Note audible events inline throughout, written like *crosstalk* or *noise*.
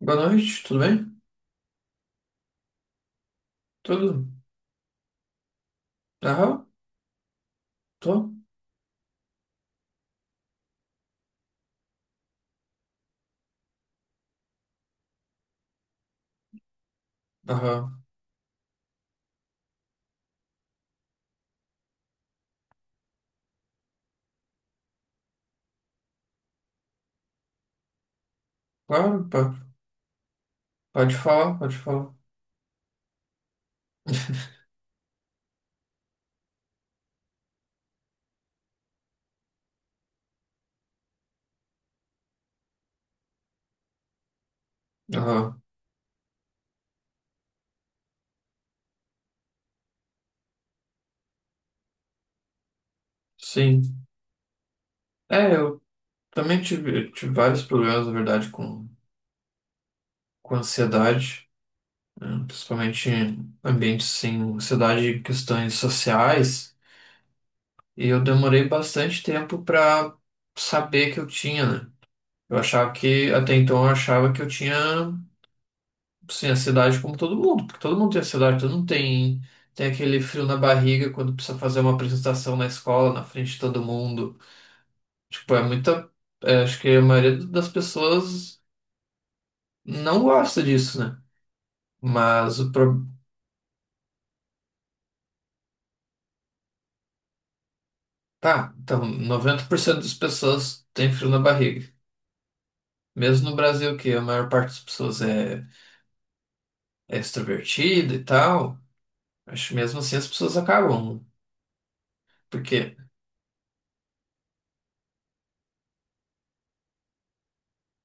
Boa noite, tudo bem? Tudo? Aham, tô. Aham, claro, pode falar, pode falar. *laughs* Aham, sim. É, eu também tive vários problemas, na verdade, com ansiedade, né? Principalmente em ambientes sem ansiedade e questões sociais. E eu demorei bastante tempo para saber que eu tinha, né? Eu achava que, até então, eu achava que eu tinha. Sim, a cidade como todo mundo, porque todo mundo tem a cidade, todo mundo tem aquele frio na barriga quando precisa fazer uma apresentação na escola, na frente de todo mundo. Tipo, é muita. É, acho que a maioria das pessoas não gosta disso, né? Mas o pro... Tá, então noventa por cento das pessoas tem frio na barriga. Mesmo no Brasil, que a maior parte das pessoas é extrovertida e tal, acho que mesmo assim as pessoas acabam. Porque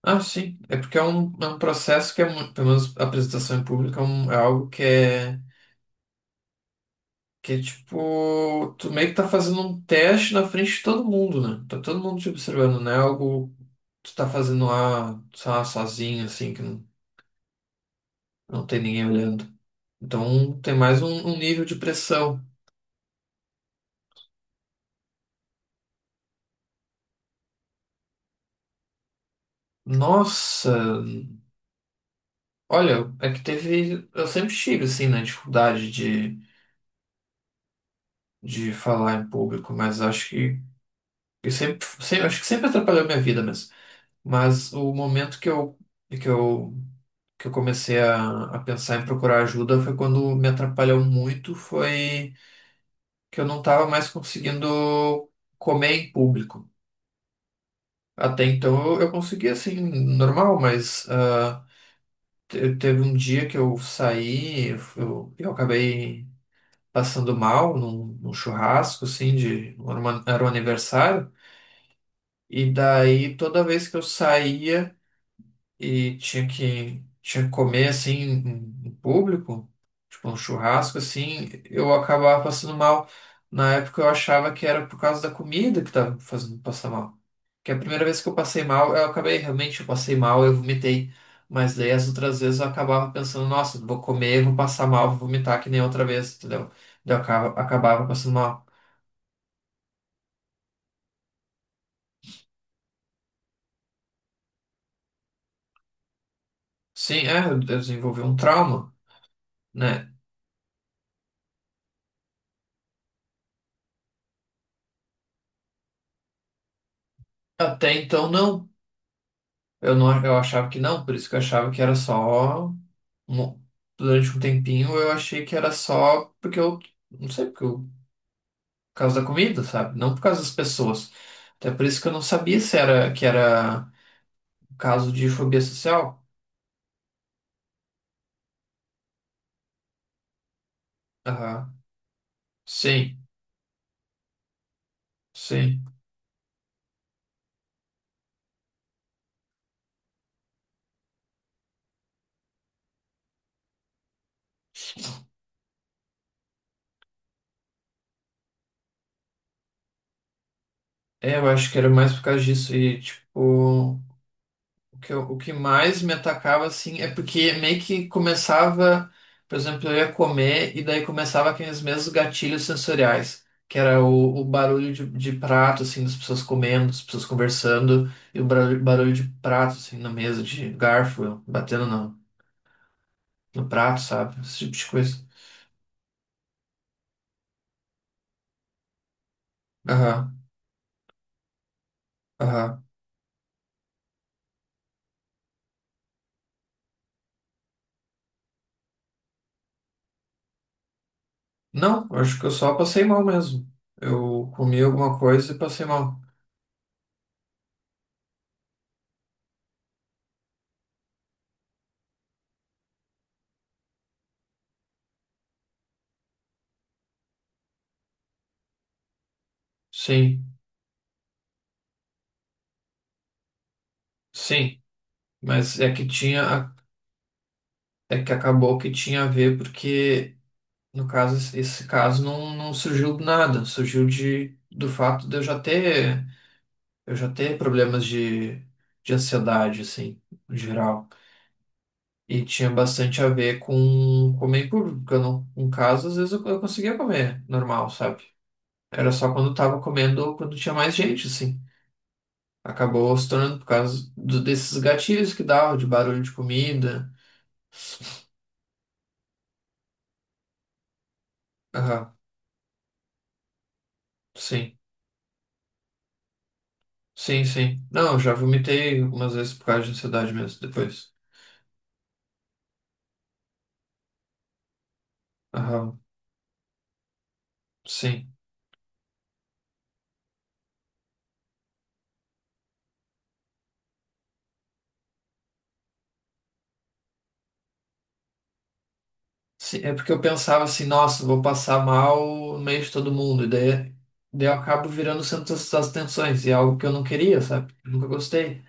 Ah, sim. É porque é um processo que é, pelo menos a apresentação em público, é, é algo que é tipo, tu meio que tá fazendo um teste na frente de todo mundo, né? Tá todo mundo te observando, né? Algo que tu tá fazendo lá, sei lá, sozinho, assim, que não tem ninguém olhando. Então tem mais um nível de pressão. Nossa, olha, é que teve. Eu sempre tive, assim, né, dificuldade de falar em público, mas acho que sempre, acho que sempre atrapalhou minha vida mesmo. Mas o momento que eu, que eu comecei a pensar em procurar ajuda foi quando me atrapalhou muito, foi que eu não estava mais conseguindo comer em público. Até então eu conseguia assim, normal, mas teve um dia que eu saí, eu, eu acabei passando mal num churrasco, assim, era um aniversário, e daí toda vez que eu saía, e tinha que comer assim em público, tipo um churrasco assim, eu acabava passando mal. Na época eu achava que era por causa da comida que estava fazendo passar mal. Que a primeira vez que eu passei mal, eu acabei realmente, eu passei mal, eu vomitei. Mas daí as outras vezes eu acabava pensando, nossa, vou comer, vou passar mal, vou vomitar que nem outra vez, entendeu? Daí eu acabava passando mal. Sim, é, eu desenvolvi um trauma, né? Até então não. Eu não, eu achava que não, por isso que eu achava que era só, mo- durante um tempinho eu achei que era só porque eu, não sei, por causa da comida, sabe? Não por causa das pessoas. Até por isso que eu não sabia se era, que era um caso de fobia social. Aham. Sim, sim. É, eu acho que era mais por causa disso e, tipo. O que mais me atacava, assim, é porque meio que começava, por exemplo, eu ia comer e daí começava aqueles mesmos gatilhos sensoriais, que era o barulho de prato, assim, das pessoas comendo, das pessoas conversando, e o barulho de prato, assim, na mesa, de garfo, batendo no prato, sabe? Esse tipo de coisa. Aham, aham. Não, eu acho que eu só passei mal mesmo. Eu comi alguma coisa e passei mal. Sim, sim. Mas é que tinha. É que acabou que tinha a ver porque, no caso, esse caso não surgiu do nada, surgiu do fato de eu já ter problemas de ansiedade, assim, em geral. E tinha bastante a ver com comer em público, porque eu não, em casa, às vezes eu conseguia comer normal, sabe? Era só quando eu tava comendo ou quando tinha mais gente, assim. Acabou se tornando por causa desses gatilhos que dava, de barulho de comida. Aham, sim. Sim, sim. Não, eu já vomitei algumas vezes por causa de ansiedade mesmo, depois. Aham, sim. Sim, é porque eu pensava assim, nossa, vou passar mal no meio de todo mundo, e daí eu acabo virando o centro das atenções, e é algo que eu não queria, sabe? Eu nunca gostei.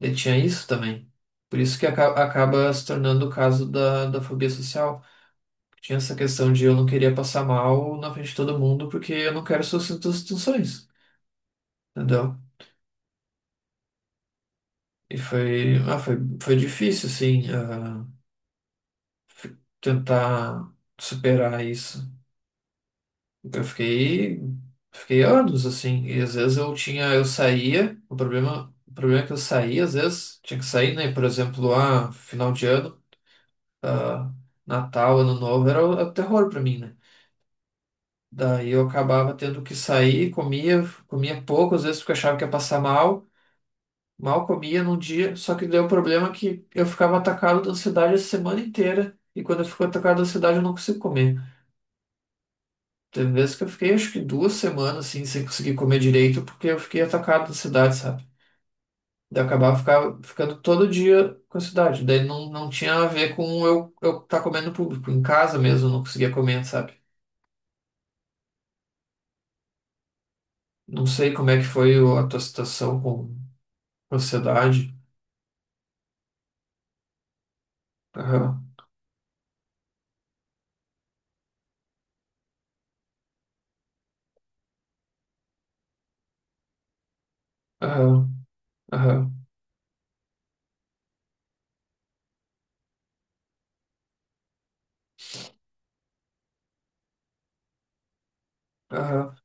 E tinha isso também. Por isso que acaba se tornando o caso da fobia social. Tinha essa questão de eu não queria passar mal na frente de todo mundo, porque eu não quero ser o centro das atenções, entendeu? E foi difícil, assim. Tentar superar isso. Eu fiquei anos assim, e às vezes eu tinha, eu saía, o problema, é que eu saía, às vezes tinha que sair, né? Por exemplo, final de ano, ah, Natal, Ano Novo, era o terror pra mim, né? Daí eu acabava tendo que sair, comia, comia pouco, às vezes porque eu achava que ia passar mal, mal comia num dia, só que deu o problema é que eu ficava atacado da ansiedade a semana inteira, e quando eu fico atacado da ansiedade eu não consigo comer. Teve vezes que eu fiquei acho que 2 semanas assim, sem conseguir comer direito, porque eu fiquei atacado da cidade, sabe? Daí eu acabava ficando todo dia com a cidade. Daí não tinha a ver com eu tá comendo público. Em casa mesmo eu não conseguia comer, sabe? Não sei como é que foi a tua situação com a ansiedade. Aham, aham, aham, aham.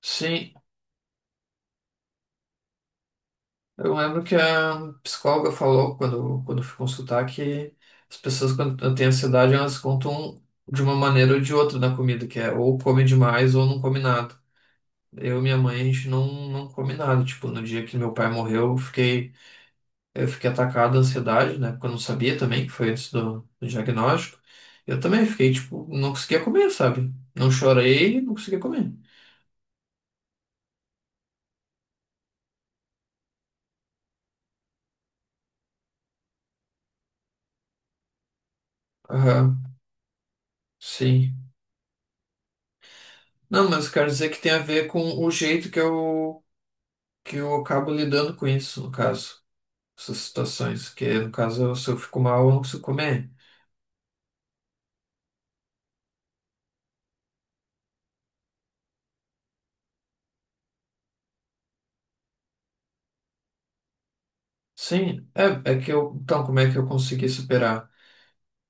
Sim, eu lembro que a psicóloga falou quando eu fui consultar que as pessoas quando têm ansiedade elas contam de uma maneira ou de outra na comida, que é ou come demais ou não come nada. Eu e minha mãe, a gente não come nada. Tipo, no dia que meu pai morreu, eu fiquei atacado da ansiedade, né? Porque eu não sabia também, que foi antes do diagnóstico. Eu também fiquei, tipo, não conseguia comer, sabe? Não chorei, não conseguia comer. Aham, sim. Não, mas eu quero dizer que tem a ver com o jeito que eu acabo lidando com isso, no caso, essas situações, que no caso, se eu fico mal, eu não consigo comer. Sim, é que eu. Então, como é que eu consegui superar?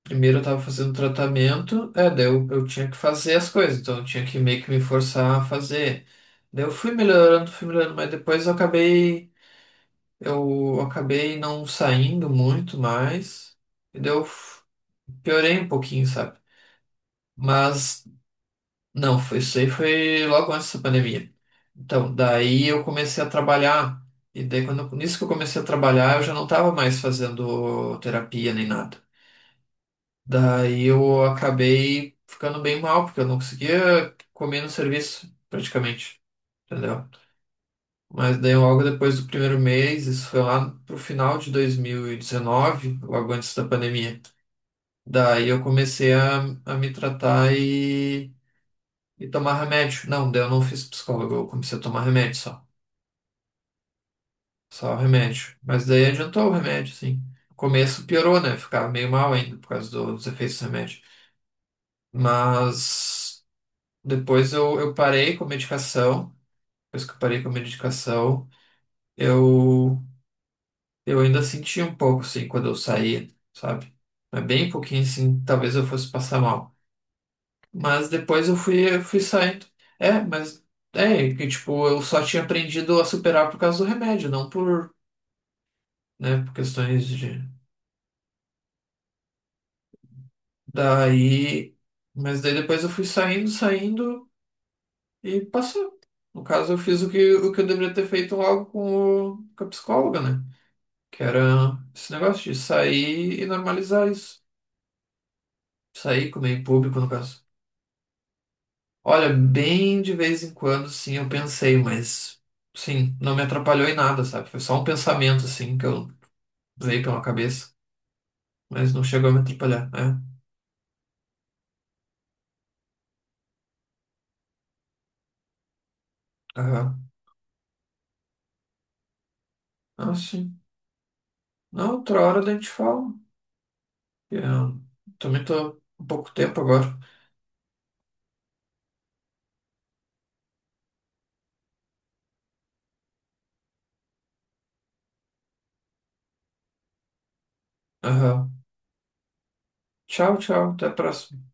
Primeiro eu tava fazendo tratamento, é, daí eu tinha que fazer as coisas, então eu tinha que meio que me forçar a fazer. Daí eu fui melhorando, mas depois eu acabei. Eu acabei não saindo muito mais, e daí eu piorei um pouquinho, sabe? Mas. Não, foi isso aí, foi logo antes da pandemia. Então, daí eu comecei a trabalhar, e daí quando, nisso que eu comecei a trabalhar, eu já não estava mais fazendo terapia nem nada. Daí eu acabei ficando bem mal, porque eu não conseguia comer no serviço, praticamente, entendeu? Mas daí logo depois do primeiro mês, isso foi lá pro final de 2019, logo antes da pandemia. Daí eu comecei a me tratar e tomar remédio. Não, daí eu não fiz psicólogo, eu comecei a tomar remédio só. Só o remédio. Mas daí adiantou o remédio, sim. No começo piorou, né? Ficava meio mal ainda por causa dos efeitos do remédio. Mas depois eu parei com a medicação. Depois que eu parei com a medicação, eu, eu ainda sentia um pouco, assim, quando eu saía, sabe? Mas bem pouquinho, assim, talvez eu fosse passar mal. Mas depois eu fui saindo. É, mas é que tipo, eu só tinha aprendido a superar por causa do remédio, não por, né, por questões de. Daí, mas daí depois eu fui saindo, saindo e passou. No caso, eu fiz o que, eu deveria ter feito logo com a psicóloga, né? Que era esse negócio de sair e normalizar isso. Sair, comer em público, no caso. Olha, bem de vez em quando, sim, eu pensei, mas sim, não me atrapalhou em nada, sabe? Foi só um pensamento, assim, que eu veio pela cabeça, mas não chegou a me atrapalhar, né? Aham. Ah, sim. Na outra hora daí a gente fala. Eu também tô um pouco tempo agora. Aham. Tchau, tchau, até a próxima.